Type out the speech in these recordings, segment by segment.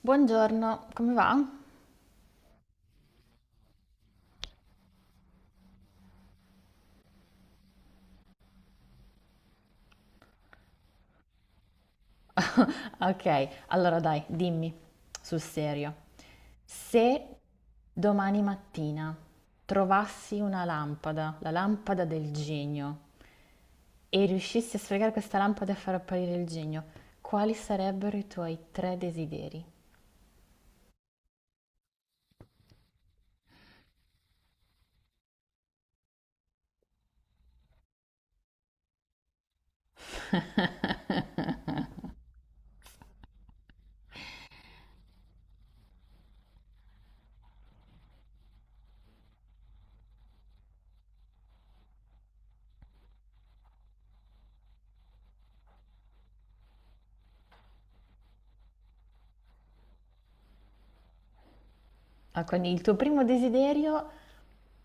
Buongiorno, come va? Ok, allora dai, dimmi sul serio. Se domani mattina trovassi una lampada, la lampada del genio, e riuscissi a sfregare questa lampada e a far apparire il genio, quali sarebbero i tuoi tre desideri? Ah, quindi il tuo primo desiderio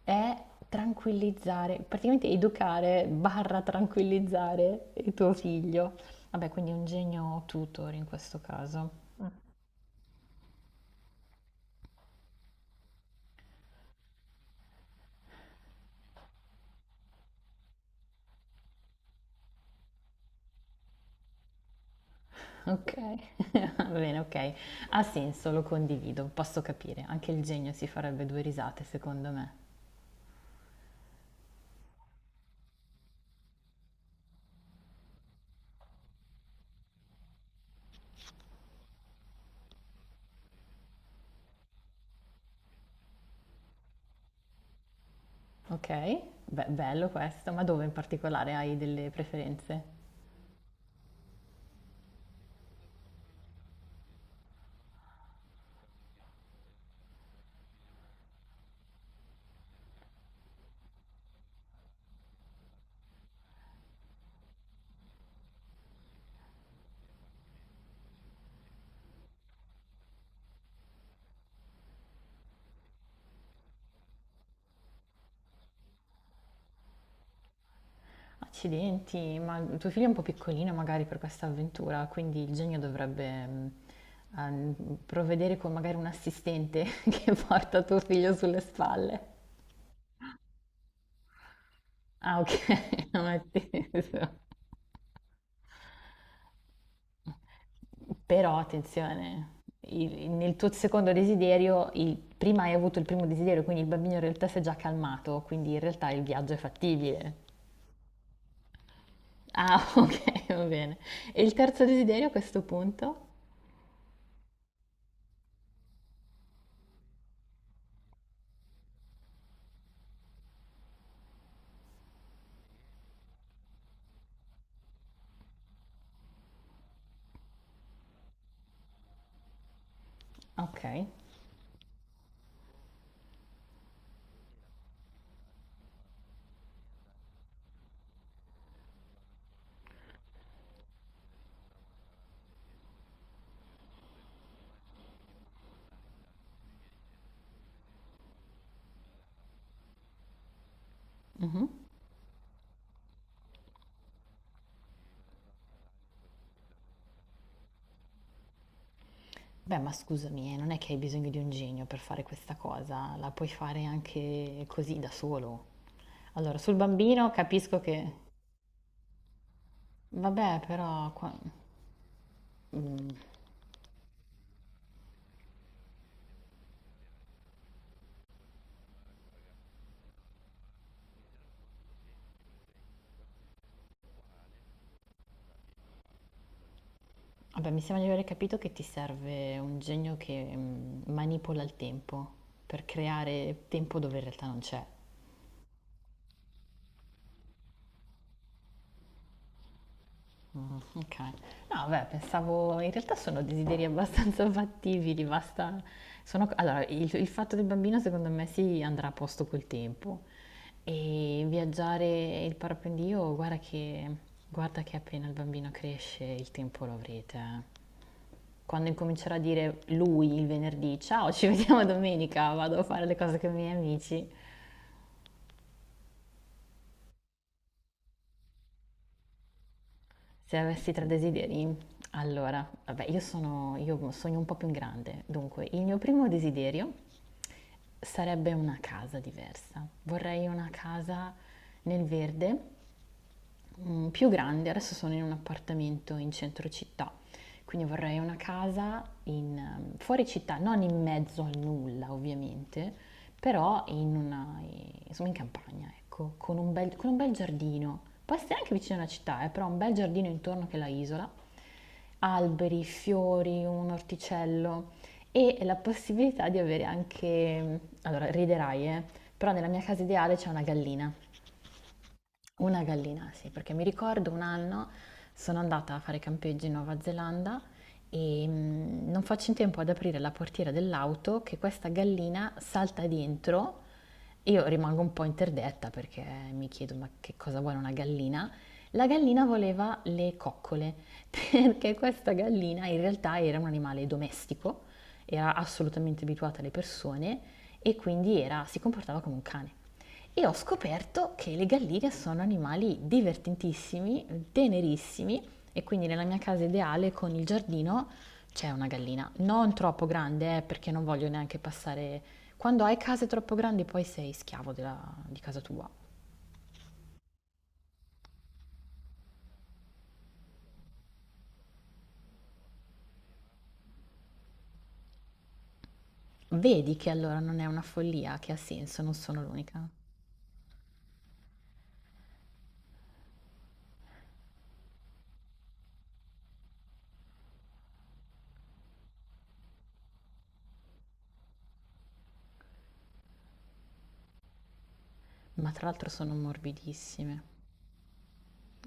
è tranquillizzare, praticamente educare barra tranquillizzare il tuo figlio. Vabbè, quindi un genio tutor in questo caso. Ok, va bene, ok. Ha senso, lo condivido, posso capire. Anche il genio si farebbe due risate, secondo me. Ok, bello questo, ma dove in particolare hai delle preferenze? Accidenti, ma tuo figlio è un po' piccolino magari per questa avventura, quindi il genio dovrebbe provvedere con magari un assistente che porta tuo figlio sulle spalle. Ah, ok, non è teso. Però attenzione, nel tuo secondo desiderio, prima hai avuto il primo desiderio, quindi il bambino in realtà si è già calmato, quindi in realtà il viaggio è fattibile. Ah, ok, va bene. E il terzo desiderio a questo punto? Ok. Mhm. Beh, ma scusami, non è che hai bisogno di un genio per fare questa cosa, la puoi fare anche così da solo. Allora, sul bambino capisco che. Vabbè, però. Mm, Vabbè, mi sembra di aver capito che ti serve un genio che manipola il tempo per creare tempo dove in realtà non c'è. Mm, ok. No, vabbè, pensavo, in realtà sono desideri abbastanza fattibili, basta. Sono, allora, il fatto del bambino secondo me si andrà a posto col tempo e viaggiare il parapendio, guarda che appena il bambino cresce il tempo lo avrete. Eh. Quando incomincerà a dire lui il venerdì, ciao, ci vediamo domenica, vado a fare le cose con i miei amici. Se avessi tre desideri, allora, vabbè, io sogno un po' più in grande. Dunque, il mio primo desiderio sarebbe una casa diversa. Vorrei una casa nel verde, più grande, adesso sono in un appartamento in centro città, quindi vorrei una casa in, fuori città, non in mezzo al nulla ovviamente, però in una, insomma in campagna, ecco, con un bel giardino. Può essere anche vicino alla città, però un bel giardino intorno che la isola, alberi, fiori, un orticello e la possibilità di avere anche, allora riderai, però nella mia casa ideale c'è una gallina. Una gallina, sì, perché mi ricordo un anno sono andata a fare campeggio in Nuova Zelanda e non faccio in tempo ad aprire la portiera dell'auto che questa gallina salta dentro e io rimango un po' interdetta perché mi chiedo ma che cosa vuole una gallina? La gallina voleva le coccole perché questa gallina in realtà era un animale domestico, era assolutamente abituata alle persone e quindi si comportava come un cane. E ho scoperto che le galline sono animali divertentissimi, tenerissimi e quindi nella mia casa ideale con il giardino c'è una gallina. Non troppo grande, perché non voglio neanche passare. Quando hai case troppo grandi poi sei schiavo di casa tua. Vedi che allora non è una follia, che ha senso, non sono l'unica. Ma tra l'altro sono morbidissime.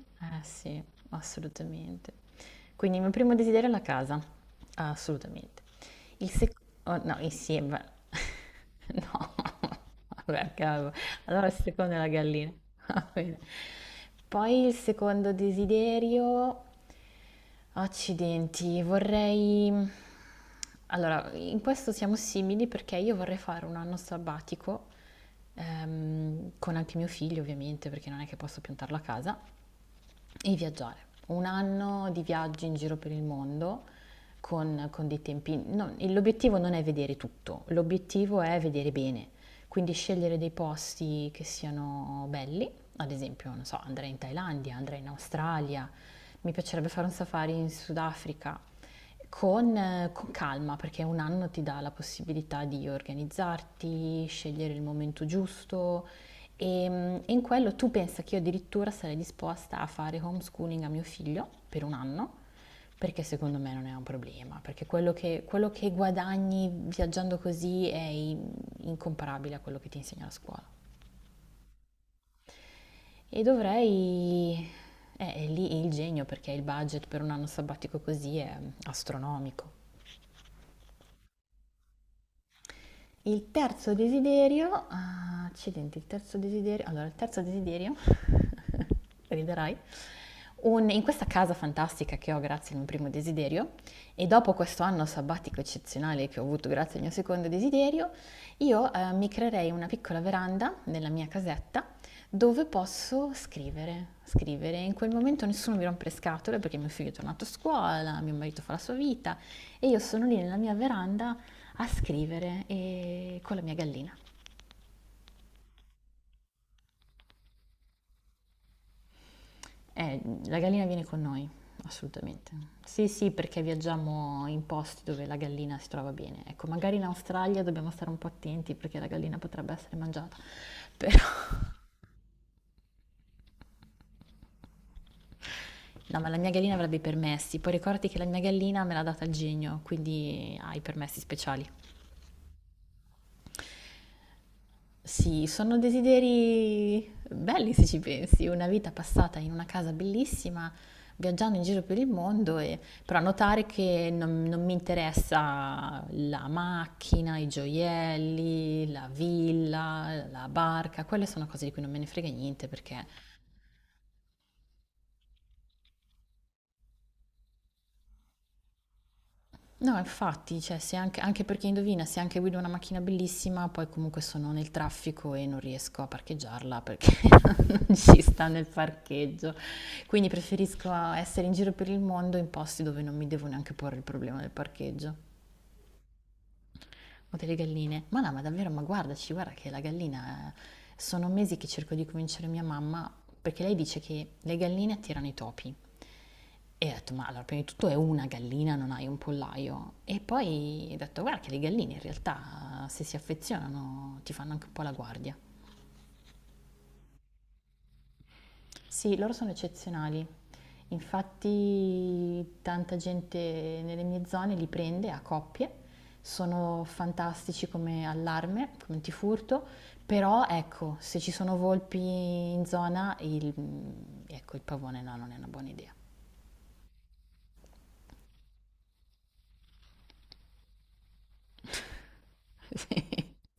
Eh sì, assolutamente. Quindi il mio primo desiderio è la casa, assolutamente. Il secondo, no, insieme. No, vabbè, cavolo. Allora il secondo è la gallina. Va bene. Poi il secondo desiderio, accidenti, vorrei. Allora, in questo siamo simili perché io vorrei fare un anno sabbatico, con anche mio figlio ovviamente, perché non è che posso piantarlo a casa. E viaggiare. Un anno di viaggi in giro per il mondo con dei tempi. L'obiettivo non è vedere tutto, l'obiettivo è vedere bene. Quindi scegliere dei posti che siano belli, ad esempio, non so, andrei in Thailandia, andrei in Australia, mi piacerebbe fare un safari in Sudafrica. Con calma, perché un anno ti dà la possibilità di organizzarti, scegliere il momento giusto, e in quello tu pensa che io addirittura sarei disposta a fare homeschooling a mio figlio per un anno, perché secondo me non è un problema, perché quello che guadagni viaggiando così è incomparabile a quello che ti insegna la scuola. E dovrei. È lì il genio, perché il budget per un anno sabbatico così è astronomico. Il terzo desiderio, ah, accidenti, il terzo desiderio, allora il terzo desiderio, riderai, in questa casa fantastica che ho grazie al mio primo desiderio e dopo questo anno sabbatico eccezionale che ho avuto grazie al mio secondo desiderio, io mi creerei una piccola veranda nella mia casetta dove posso scrivere, scrivere. In quel momento nessuno mi rompe le scatole perché mio figlio è tornato a scuola, mio marito fa la sua vita e io sono lì nella mia veranda a scrivere e con la mia gallina. Eh, la gallina viene con noi, assolutamente. Sì, sì, perché viaggiamo in posti dove la gallina si trova bene. Ecco, magari in Australia dobbiamo stare un po' attenti perché la gallina potrebbe essere mangiata. Però, no, ma la mia gallina avrebbe i permessi. Poi ricordati che la mia gallina me l'ha data il genio, quindi ha i permessi speciali. Sì, sono desideri belli se ci pensi, una vita passata in una casa bellissima, viaggiando in giro per il mondo, però notare che non mi interessa la macchina, i gioielli, la villa, la barca, quelle sono cose di cui non me ne frega niente perché. No, infatti, cioè, se anche, anche perché indovina, se anche guido una macchina bellissima, poi comunque sono nel traffico e non riesco a parcheggiarla perché non ci sta nel parcheggio. Quindi preferisco essere in giro per il mondo in posti dove non mi devo neanche porre il problema del parcheggio o delle galline. Ma no, ma davvero, ma guardaci, guarda che la gallina. Sono mesi che cerco di convincere mia mamma, perché lei dice che le galline attirano i topi. E ho detto, ma allora, prima di tutto è una gallina, non hai un pollaio. E poi ho detto, guarda che le galline in realtà, se si affezionano, ti fanno anche un po' la guardia. Sì, loro sono eccezionali. Infatti tanta gente nelle mie zone li prende a coppie. Sono fantastici come allarme, come antifurto, però ecco, se ci sono volpi in zona, ecco, il pavone no, non è una buona idea.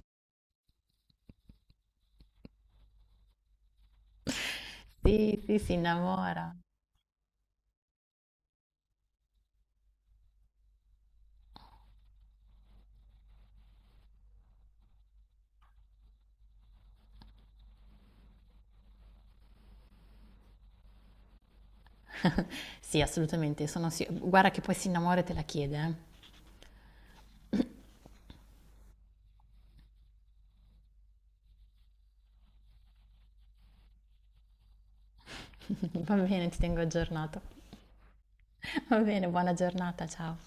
Sì, sì, sì, si innamora. Sì, assolutamente, guarda che poi si innamora e te la chiede, eh. Va bene, ti tengo aggiornato. Va bene, buona giornata, ciao.